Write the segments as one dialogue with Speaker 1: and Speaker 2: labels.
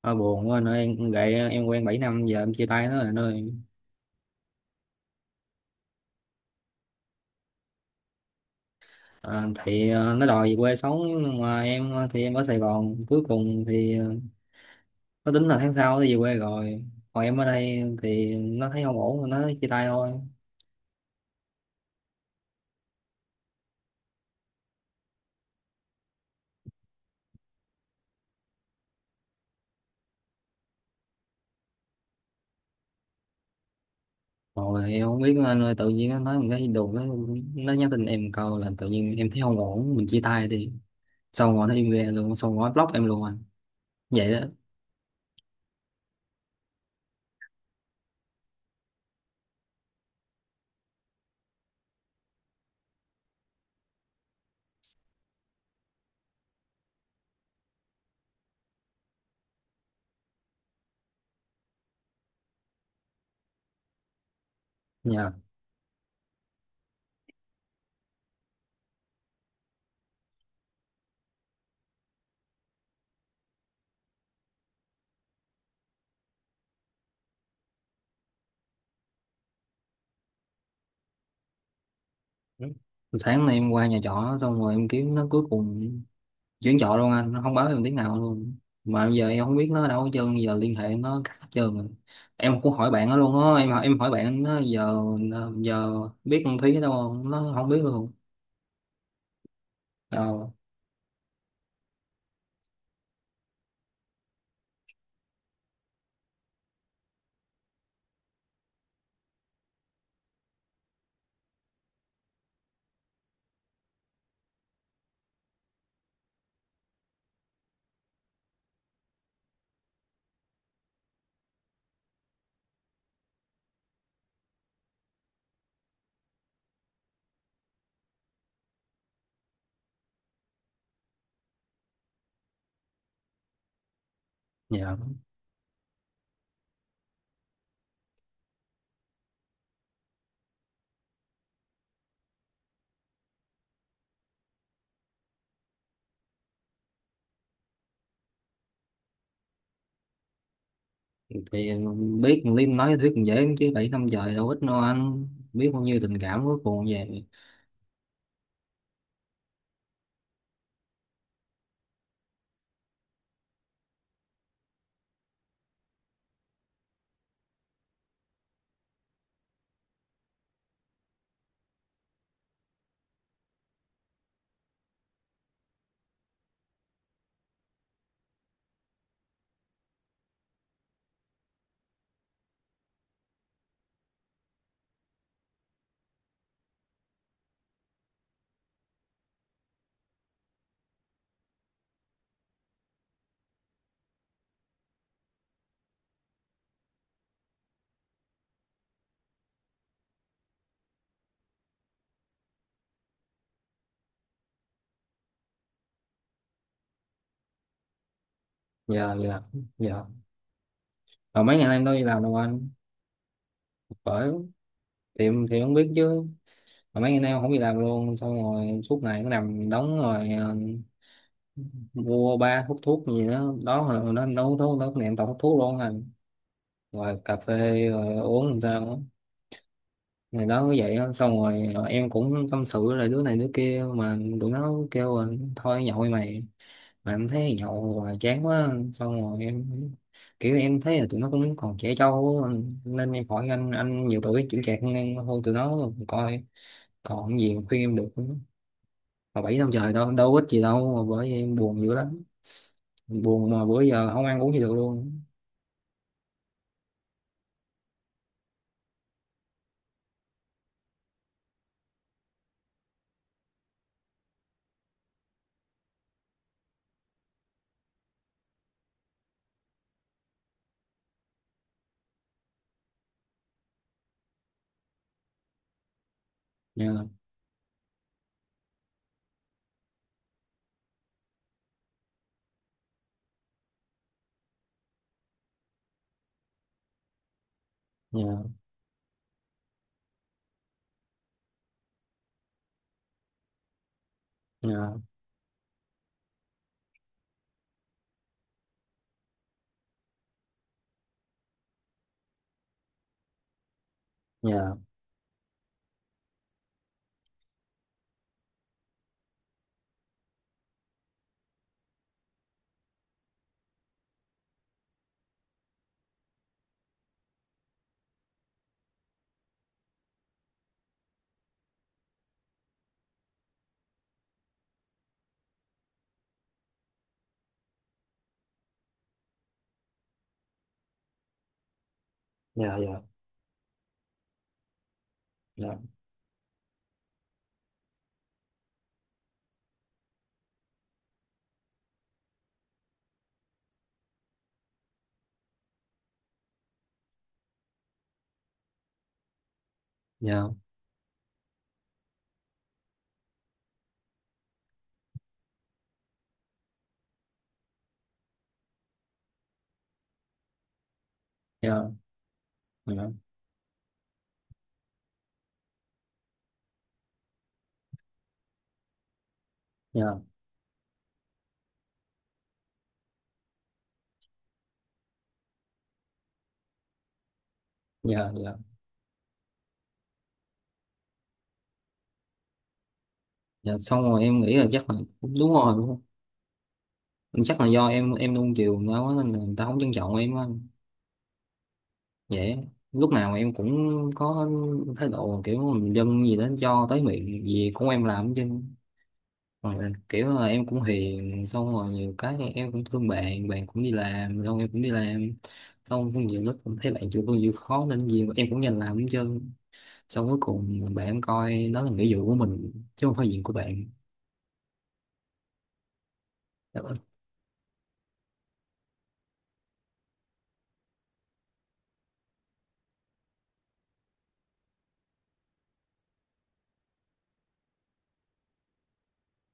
Speaker 1: Ờ, Buồn quá anh ơi, em gậy em quen 7 năm giờ em chia tay nó rồi anh ơi. Ờ, thì nó đòi về quê sống, nhưng mà em thì em ở Sài Gòn. Cuối cùng thì nó tính là tháng sau nó về quê rồi, còn em ở đây thì nó thấy không ổn, nó chia tay thôi. Rồi em không biết nữa anh ơi, tự nhiên nó nói một cái đùng, nó nhắn tin em câu là tự nhiên em thấy không ổn, mình chia tay. Thì xong rồi nó im re luôn, xong rồi nó block em luôn anh, vậy đó. Dạ. Sáng nay em qua nhà trọ xong rồi em kiếm nó, cuối cùng chuyển chợ luôn anh, nó không báo em tiếng nào luôn. Mà giờ em không biết nó ở đâu hết trơn, giờ liên hệ nó cắt hết trơn rồi. Em cũng hỏi bạn nó luôn á, em hỏi bạn nó giờ, giờ biết con Thúy ở đâu không, nó không biết luôn đâu. Dạ. Thì biết con Liên nói với Thúy cũng dễ chứ, 7 năm trời đâu ít đâu anh, biết bao nhiêu tình cảm cuối cùng về. Dạ, dạ, dạ. Mà mấy ngày nay em đâu đi làm đâu anh. Bởi, thì em thì không biết chứ, mà mấy ngày nay em không đi làm luôn, xong rồi suốt ngày cứ nằm đóng rồi mua ba hút thuốc gì đó đó, hồi nó hút thuốc đó, niệm tao hút thuốc luôn rồi, rồi cà phê rồi uống làm sao đó. Ngày đó cũng vậy đó. Xong rồi em cũng tâm sự là đứa này đứa kia, mà tụi nó kêu là thôi nhậu đi mày. Mà em thấy nhậu hoài chán quá, xong rồi em kiểu em thấy là tụi nó cũng còn trẻ trâu á. Nên em hỏi anh nhiều tuổi chững chạc hơn em, thôi tụi nó coi còn gì mà khuyên em được nữa. Mà 7 năm trời đâu đâu ít gì đâu, mà bởi vậy em buồn dữ lắm, buồn mà bữa giờ không ăn uống gì được luôn. Nhờ, nhờ, nhờ, nhờ, nhờ, nhờ, nhờ, nhờ, nhờ, nhờ, nhờ, nhờ, nhờ, nhờ. Xong rồi em nghĩ là chắc là đúng rồi, đúng không? Chắc là do em nuông chiều người ta quá, nên là người ta không trân trọng em á. Vậy lúc nào em cũng có thái độ kiểu mình dân gì đó cho tới miệng gì cũng em làm chứ. Hoặc là kiểu là em cũng hiền, xong rồi nhiều cái thì em cũng thương bạn, bạn cũng đi làm, xong em cũng đi làm, xong cũng nhiều lúc cũng thấy bạn chịu công việc khó nên nhiều em cũng nhanh làm hết trơn, xong cuối cùng bạn coi đó là nghĩa vụ của mình chứ không phải việc của bạn. Dạ.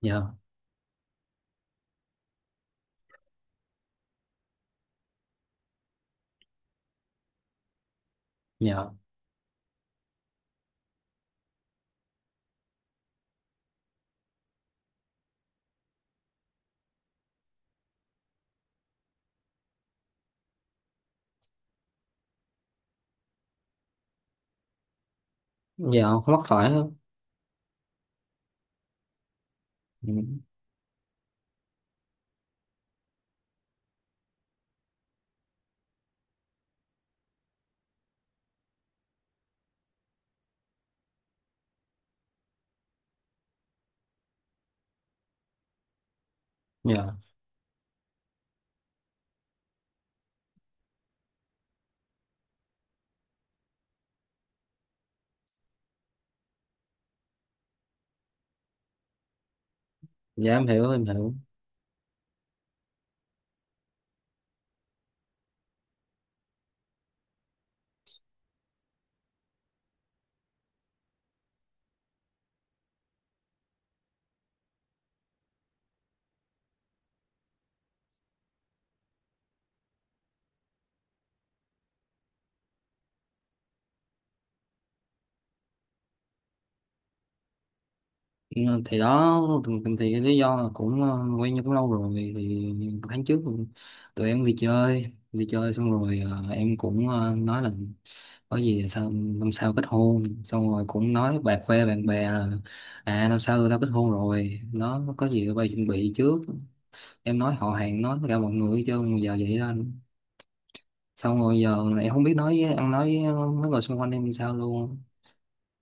Speaker 1: Nhờ, nhờ, nhờ, không mắc phải không. Ừ. Nhờ. Dạ em hiểu, em hiểu. Ừ, thì đó, thì, thì, cái lý do là cũng quen nhau cũng lâu rồi thì tháng trước tụi em đi chơi, đi chơi xong rồi em cũng nói là có gì sao năm sau kết hôn, xong rồi cũng nói bà, khoe bạn bè là à, năm sau tao kết hôn rồi, nó có gì tụi bay chuẩn bị trước. Em nói họ hàng, nói tất cả mọi người, chứ giờ vậy đó. Xong rồi giờ em không biết nói với ăn, nói với mấy người xung quanh em sao luôn.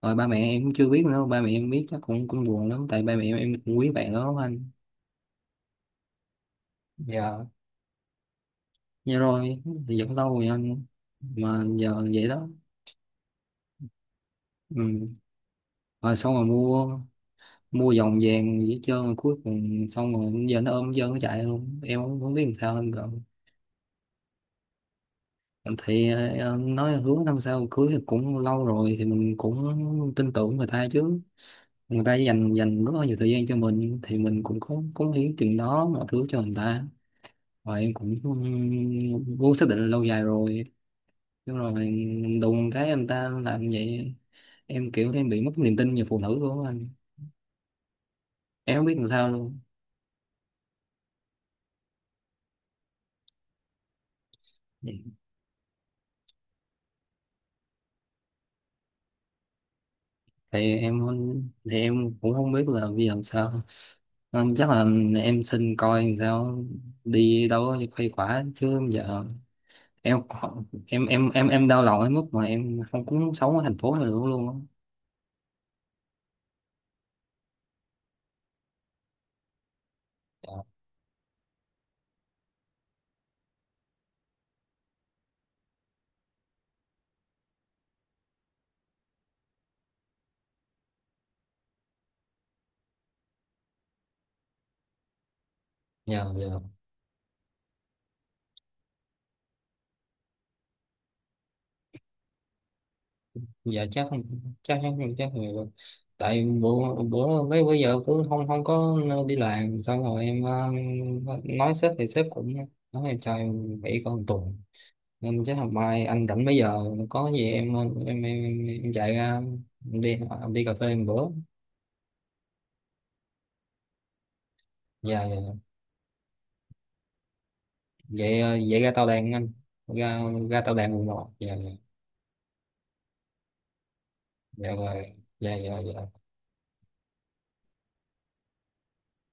Speaker 1: Rồi ba mẹ em cũng chưa biết nữa, ba mẹ em biết chắc cũng cũng buồn lắm, tại ba mẹ em cũng quý bạn đó lắm anh. Giờ như rồi, thì vẫn lâu rồi anh, mà giờ vậy đó. Ừ. Rồi xong rồi mua mua vòng vàng với trơn rồi, cuối cùng xong rồi giờ nó ôm hết trơn nó chạy luôn, em cũng không biết làm sao anh rồi. Thì nói hứa năm sau cưới thì cũng lâu rồi, thì mình cũng tin tưởng người ta chứ. Người ta dành dành rất là nhiều thời gian cho mình, thì mình cũng có cống hiến chừng đó mọi thứ cho người ta, và em cũng muốn xác định là lâu dài rồi. Nhưng rồi đùng cái anh ta làm như vậy, em kiểu em bị mất niềm tin về phụ nữ luôn á anh, em không biết làm sao luôn. Thì em, thì em cũng không biết là bây giờ làm sao. Nên chắc là em xin coi làm sao đi đâu đó khuây khỏa chứ giờ em, em đau lòng đến mức mà em không, cũng muốn sống ở thành phố này nữa luôn á. Dạ, dạ, dạ. Chắc, chắc, chắc nhiều rồi. Tại bữa bữa mấy bữa giờ cứ không không có đi làm, xong rồi em nói sếp, thì sếp cũng nói là cho em nghỉ có 1 tuần, nên chắc hôm mai anh rảnh mấy giờ có gì em, em, em, chạy ra, em đi, em đi cà phê một bữa. Dạ, dạ. Vậy vậy ra tao đàn anh, ra ra tao đàn, một một, dạ, dạ, dạ rồi, dạ, dạ, dạ.